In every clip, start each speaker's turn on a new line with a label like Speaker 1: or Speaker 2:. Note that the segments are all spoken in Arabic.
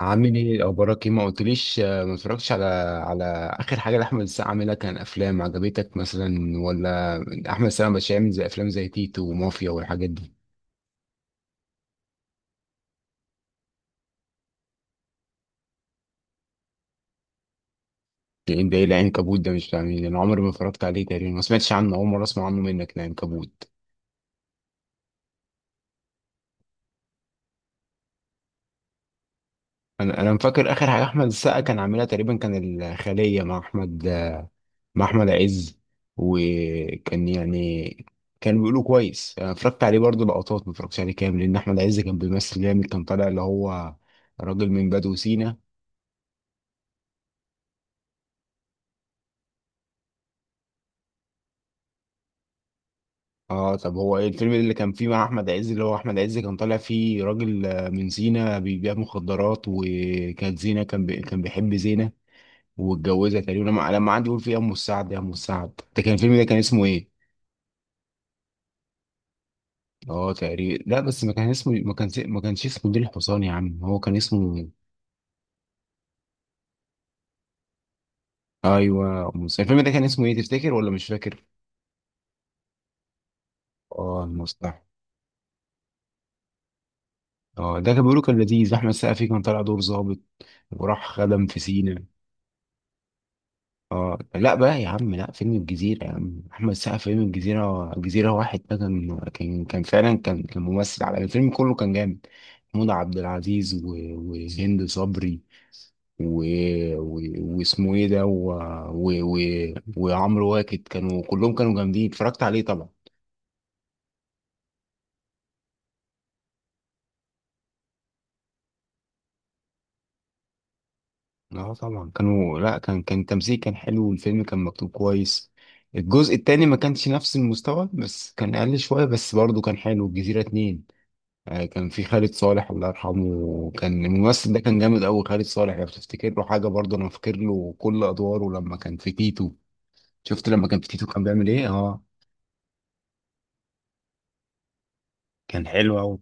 Speaker 1: عامل ايه اخبارك، ايه ما قلتليش؟ ما اتفرجتش على على اخر حاجه لاحمد السقا عاملها. كان افلام عجبتك مثلا ولا احمد السقا مش عامل زي افلام زي تيتو ومافيا والحاجات دي؟ ده ايه ده؟ إيه العنكبوت ده؟ مش فاهمين. انا عمري ما اتفرجت عليه، تقريبا ما سمعتش عنه، اول مره اسمع عنه منك العنكبوت. انا فاكر اخر حاجه احمد السقا كان عاملها تقريبا كان الخليه مع احمد مع احمد عز. وكان يعني كان بيقولوا كويس. انا اتفرجت عليه برضه لقطات، ما اتفرجتش عليه كامل، لان احمد عز كان بيمثل جامد، كان طالع اللي هو راجل من بدو سينا. اه طب هو ايه الفيلم اللي كان فيه مع احمد عز، اللي هو احمد عز كان طالع فيه راجل من سينا بيبيع مخدرات وكانت زينة، كان بيحب زينة واتجوزها تقريبا، لما قعد يقول فيه يا ام السعد يا ام السعد، ده كان الفيلم ده كان اسمه ايه؟ اه تقريبا، لا بس ما كان اسمه، ما كانش اسمه نيل الحصان يا عم، هو كان اسمه. ايوه، الفيلم ده كان اسمه ايه تفتكر ولا مش فاكر؟ اه المصلحه. اه ده كان بيقولوا كان لذيذ، احمد سقفي كان طالع دور ظابط وراح خدم في سينا. اه لا بقى يا عم، لا فيلم الجزيرة يا عم، أحمد السقا فيلم الجزيرة، الجزيرة واحد ده كان كان فعلا كان ممثل على الفيلم كله، كان جامد. محمود عبد العزيز وهند صبري و... و... واسمه ايه ده، وعمرو واكد، كانوا كلهم كانوا جامدين. اتفرجت عليه طبعا. اه طبعا كانوا، لا كان التمثيل كان حلو والفيلم كان مكتوب كويس. الجزء التاني ما كانش نفس المستوى، بس كان اقل شوية بس برضه كان حلو، الجزيرة اتنين. كان في خالد صالح الله يرحمه، كان الممثل ده كان جامد قوي خالد صالح. لو تفتكر له حاجه برضه، انا فاكر له كل ادواره. لما كان في تيتو، شفت لما كان في تيتو كان بيعمل ايه؟ اه كان حلو قوي.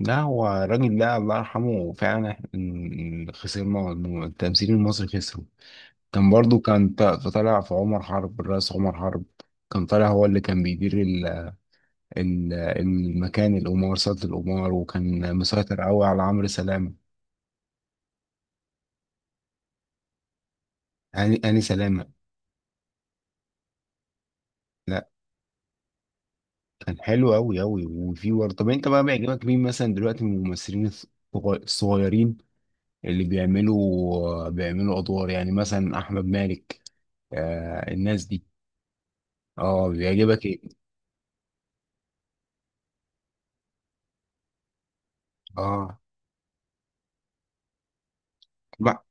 Speaker 1: لا هو الراجل ده الله يرحمه فعلا، إحنا خسرنا، التمثيل المصري خسره. كان برضه طالع في عمر حرب الرئيس عمر حرب، كان طالع هو اللي كان بيدير المكان القمار، سلطة القمار، وكان مسيطر قوي على عمرو سلامة. هاني سلامة. كان حلو أوي أوي وفي ورد. طب أنت بقى بيعجبك مين مثلا دلوقتي من الممثلين الصغيرين، اللي بيعملوا أدوار، يعني مثلا أحمد مالك، آه الناس دي؟ أه بيعجبك إيه؟ أه بقى،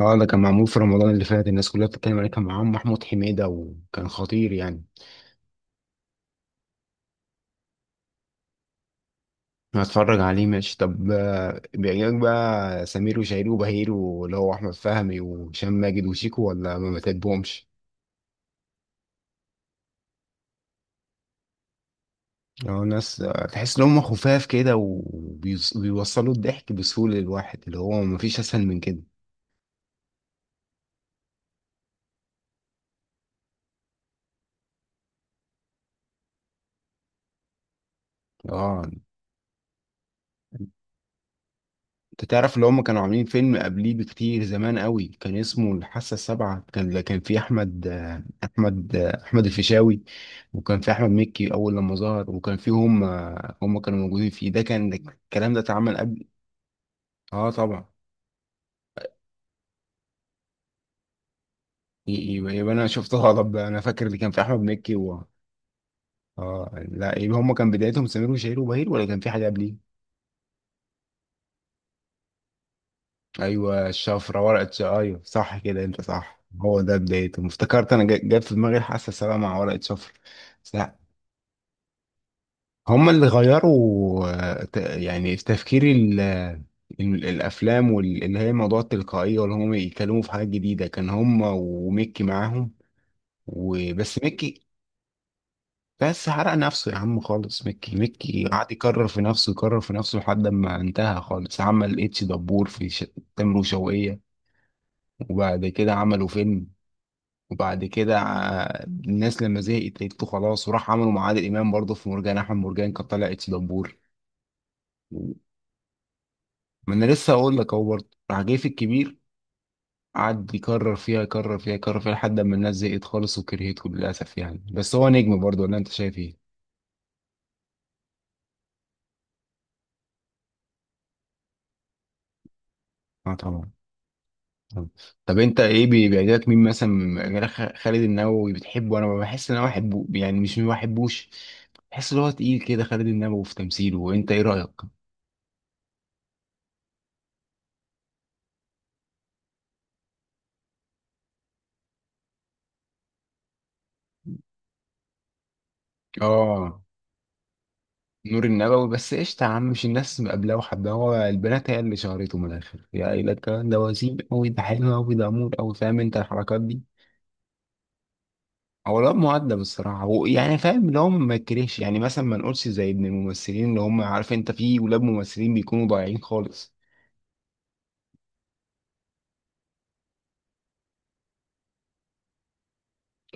Speaker 1: أه ده كان معمول في رمضان اللي فات، الناس كلها بتتكلم عليه، كان معاهم محمود حميدة وكان خطير يعني. هتفرج عليه ماشي. طب بيعجبك بقى سمير وشهير وبهير، واللي هو أحمد فهمي وهشام ماجد وشيكو، ولا ما بتحبهمش؟ اه ناس تحس ان هم خفاف كده وبيوصلوا الضحك بسهولة للواحد، اللي هو مفيش اسهل من كده. اه انت تعرف اللي هم كانوا عاملين فيلم قبليه بكتير زمان قوي، كان اسمه الحاسة السابعة، كان فيه احمد الفيشاوي، وكان فيه احمد مكي اول لما ظهر، وكان فيه هم كانوا موجودين فيه، ده كان الكلام ده اتعمل قبل. اه طبعا. يبقى انا شفت غلط بقى، انا فاكر اللي كان فيه احمد مكي اه لا، يبقى هم كان بدايتهم سمير وشهير وبهير، ولا كان في حاجة قبليه؟ ايوه الشفره، ورقه ايوه صح كده انت صح، هو ده بدايته. افتكرت انا جت في دماغي الحاسه السابعه مع ورقه شفره. بس لا هما اللي غيروا يعني في تفكير الافلام، واللي هي موضوع التلقائيه، واللي هم يتكلموا في حاجات جديده، كان هما وميكي معاهم، وبس ميكي. بس حرق نفسه يا عم خالص. ميكي قعد يكرر في نفسه، يكرر في نفسه لحد ما انتهى خالص. عمل اتش دبور في تامر وشوقية، وبعد كده عملوا فيلم، وبعد كده الناس لما زهقت لقيته خلاص، وراح عملوا مع عادل امام برضه في مرجان احمد مرجان، كان طالع اتش دبور. ما انا لسه هقول لك اهو، برضه راح جاي في الكبير، قعد يكرر فيها، يكرر فيها لحد ما الناس زهقت خالص وكرهته للاسف يعني. بس هو نجم برضه ولا انت شايف ايه؟ اه طبعا. طبعاً. طب انت ايه، بيعجبك مين مثلا، غير خالد النبوي بتحبه؟ انا بحس ان انا بحبه يعني، مش ما بحبوش، بحس ان هو تقيل كده خالد النبوي في تمثيله، وانت ايه رايك؟ اه نور النبوي بس قشطة يا عم، مش الناس مقابلاه وحباه، هو البنات هي اللي شهرته من الآخر، يا قايلة الكلام ده وسيم أوي، ده حلو أوي، ده أمور أوي، فاهم أنت الحركات دي. هو الواد مؤدب الصراحة، هو يعني فاهم، اللي هو ما يكرهش، يعني مثلا ما نقولش زي ابن الممثلين اللي هم، عارف أنت في ولاد ممثلين بيكونوا ضايعين خالص.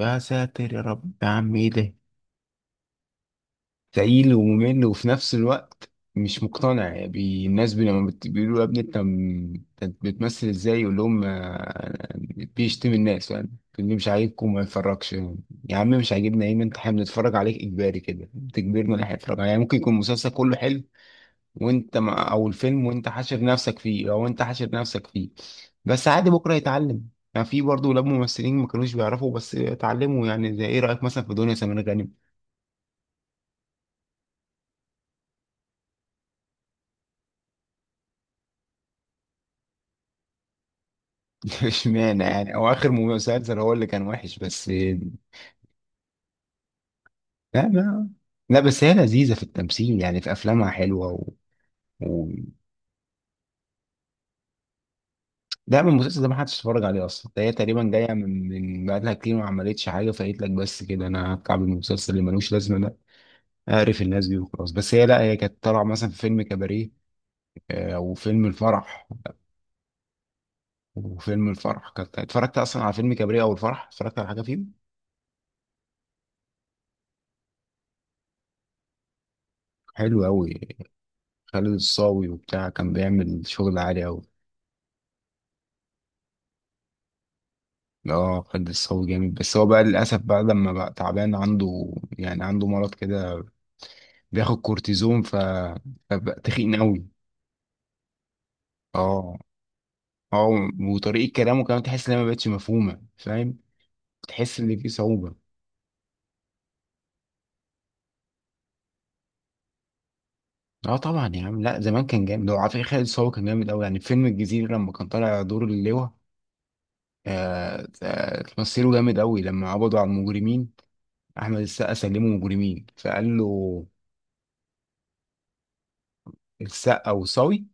Speaker 1: يا ساتر يا رب يا عم إيه ده؟ تقيل وممل وفي نفس الوقت مش مقتنع، يعني الناس لما بيقولوا يا ابني انت أنت بتمثل ازاي، يقول لهم بيشتم الناس، فاهم، اللي مش عاجبكم ما يتفرجش. يا عم مش عاجبنا ايه، ما انت احنا بنتفرج عليك اجباري كده، بتجبرنا ان احنا نتفرج عليه. يعني ممكن يكون المسلسل كله حلو وانت ما او الفيلم وانت حاشر نفسك فيه، بس عادي بكره يتعلم. يعني في برضه ولاد ممثلين ما كانوش بيعرفوا بس اتعلموا، يعني زي ايه رايك مثلا في دنيا سمير غانم؟ اشمعنى يعني، هو اخر مسلسل هو اللي كان وحش بس. لا ما لا بس هي لذيذه في التمثيل، يعني في افلامها حلوه و... لا من المسلسل ده ما حدش اتفرج عليه اصلا. ده هي تقريبا جايه من بقالها كتير ما عملتش حاجه، فقالت لك بس كده انا هتكعب المسلسل اللي ملوش لازمه ده، اعرف الناس دي وخلاص. بس هي لا هي كانت طالعه مثلا في فيلم كباريه او فيلم الفرح. وفيلم الفرح كانت اتفرجت اصلا، على فيلم كباريه او الفرح اتفرجت على حاجه فيه. حلو قوي. خالد الصاوي وبتاع كان بيعمل شغل عالي قوي. اه خد الصاوي جامد، بس هو بقى للاسف بقى لما بقى تعبان عنده، يعني عنده مرض كده، بياخد كورتيزون، فبقى تخين قوي. اه اه. وطريقه كلامه كمان تحس انها ما بقتش مفهومه، فاهم، تحس ان في صعوبه. اه طبعا يا عم، لا زمان كان جامد، هو على فكره خالد الصاوي كان جامد قوي يعني، في فيلم الجزيره لما كان طالع دور اللواء، تمثيله جامد قوي، لما قبضوا على المجرمين احمد السقا سلموا مجرمين فقال له السقا وصاوي.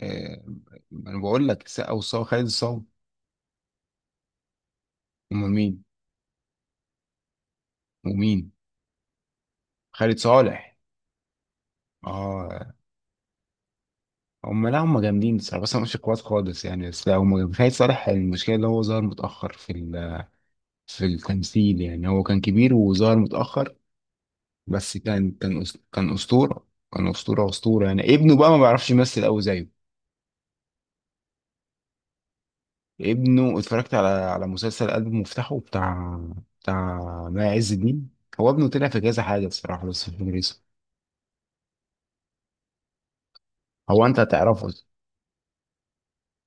Speaker 1: آه، ما انا بقول لك السقا والصاوي، خالد الصاوي. هم مين؟ ومين؟ خالد صالح. اه هم لا هم جامدين الصراحه، بس انا مش كويس خالص يعني، بس لا هم جامدين. خالد صالح المشكله اللي هو ظهر متاخر في في التمثيل، يعني هو كان كبير وظهر متاخر، بس كان كان اسطوره. كان اسطوره اسطوره يعني، ابنه بقى ما بيعرفش يمثل قوي زيه. ابنه اتفرجت على مسلسل قلب مفتاحه بتاع بتاع ماء عز الدين، هو ابنه، طلع في كذا حاجه الصراحه، بس مش فاكر اسمه. هو انت هتعرفه.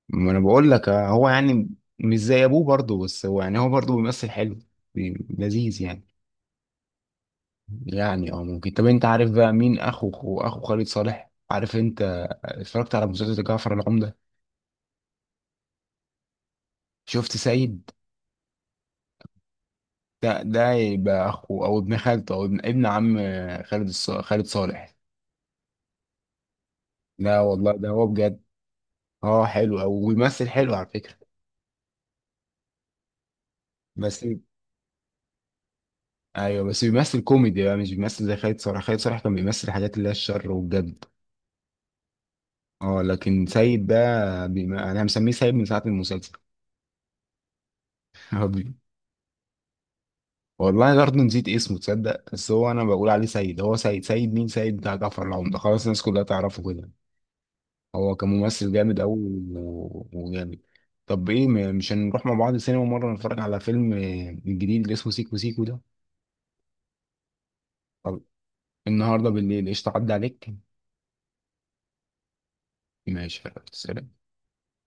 Speaker 1: ما انا بقول لك هو يعني مش زي ابوه برضه، بس هو يعني هو برضه بيمثل حلو، لذيذ يعني. يعني اه ممكن. طب انت عارف بقى مين اخو أخو خالد صالح، عارف انت؟ اتفرجت على مسلسل جعفر العمدة؟ شفت سيد؟ ده ده يبقى اخو او ابن خالته او ابن ابن عم خالد صالح. لا والله ده هو بجد. اه حلو او بيمثل حلو على فكرة. بس ايوه بس بيمثل كوميدي بقى، مش بيمثل زي خالد صالح. خالد صالح كان بيمثل حاجات اللي هي الشر والجد. اه لكن سيد ده انا مسميه سيد من ساعة المسلسل. هو بي- والله برضه نسيت اسمه تصدق، بس هو انا بقول عليه سيد، هو سيد، سيد مين، سيد بتاع جعفر العمدة خلاص، الناس كلها تعرفه كده. هو كممثل جامد قوي وجامد. طب ايه مش هنروح مع بعض السينما مرة نتفرج على فيلم الجديد اللي اسمه سيكو سيكو ده؟ طب النهارده بالليل قشطة، عدى عليك. ماشي خلاص، سلام.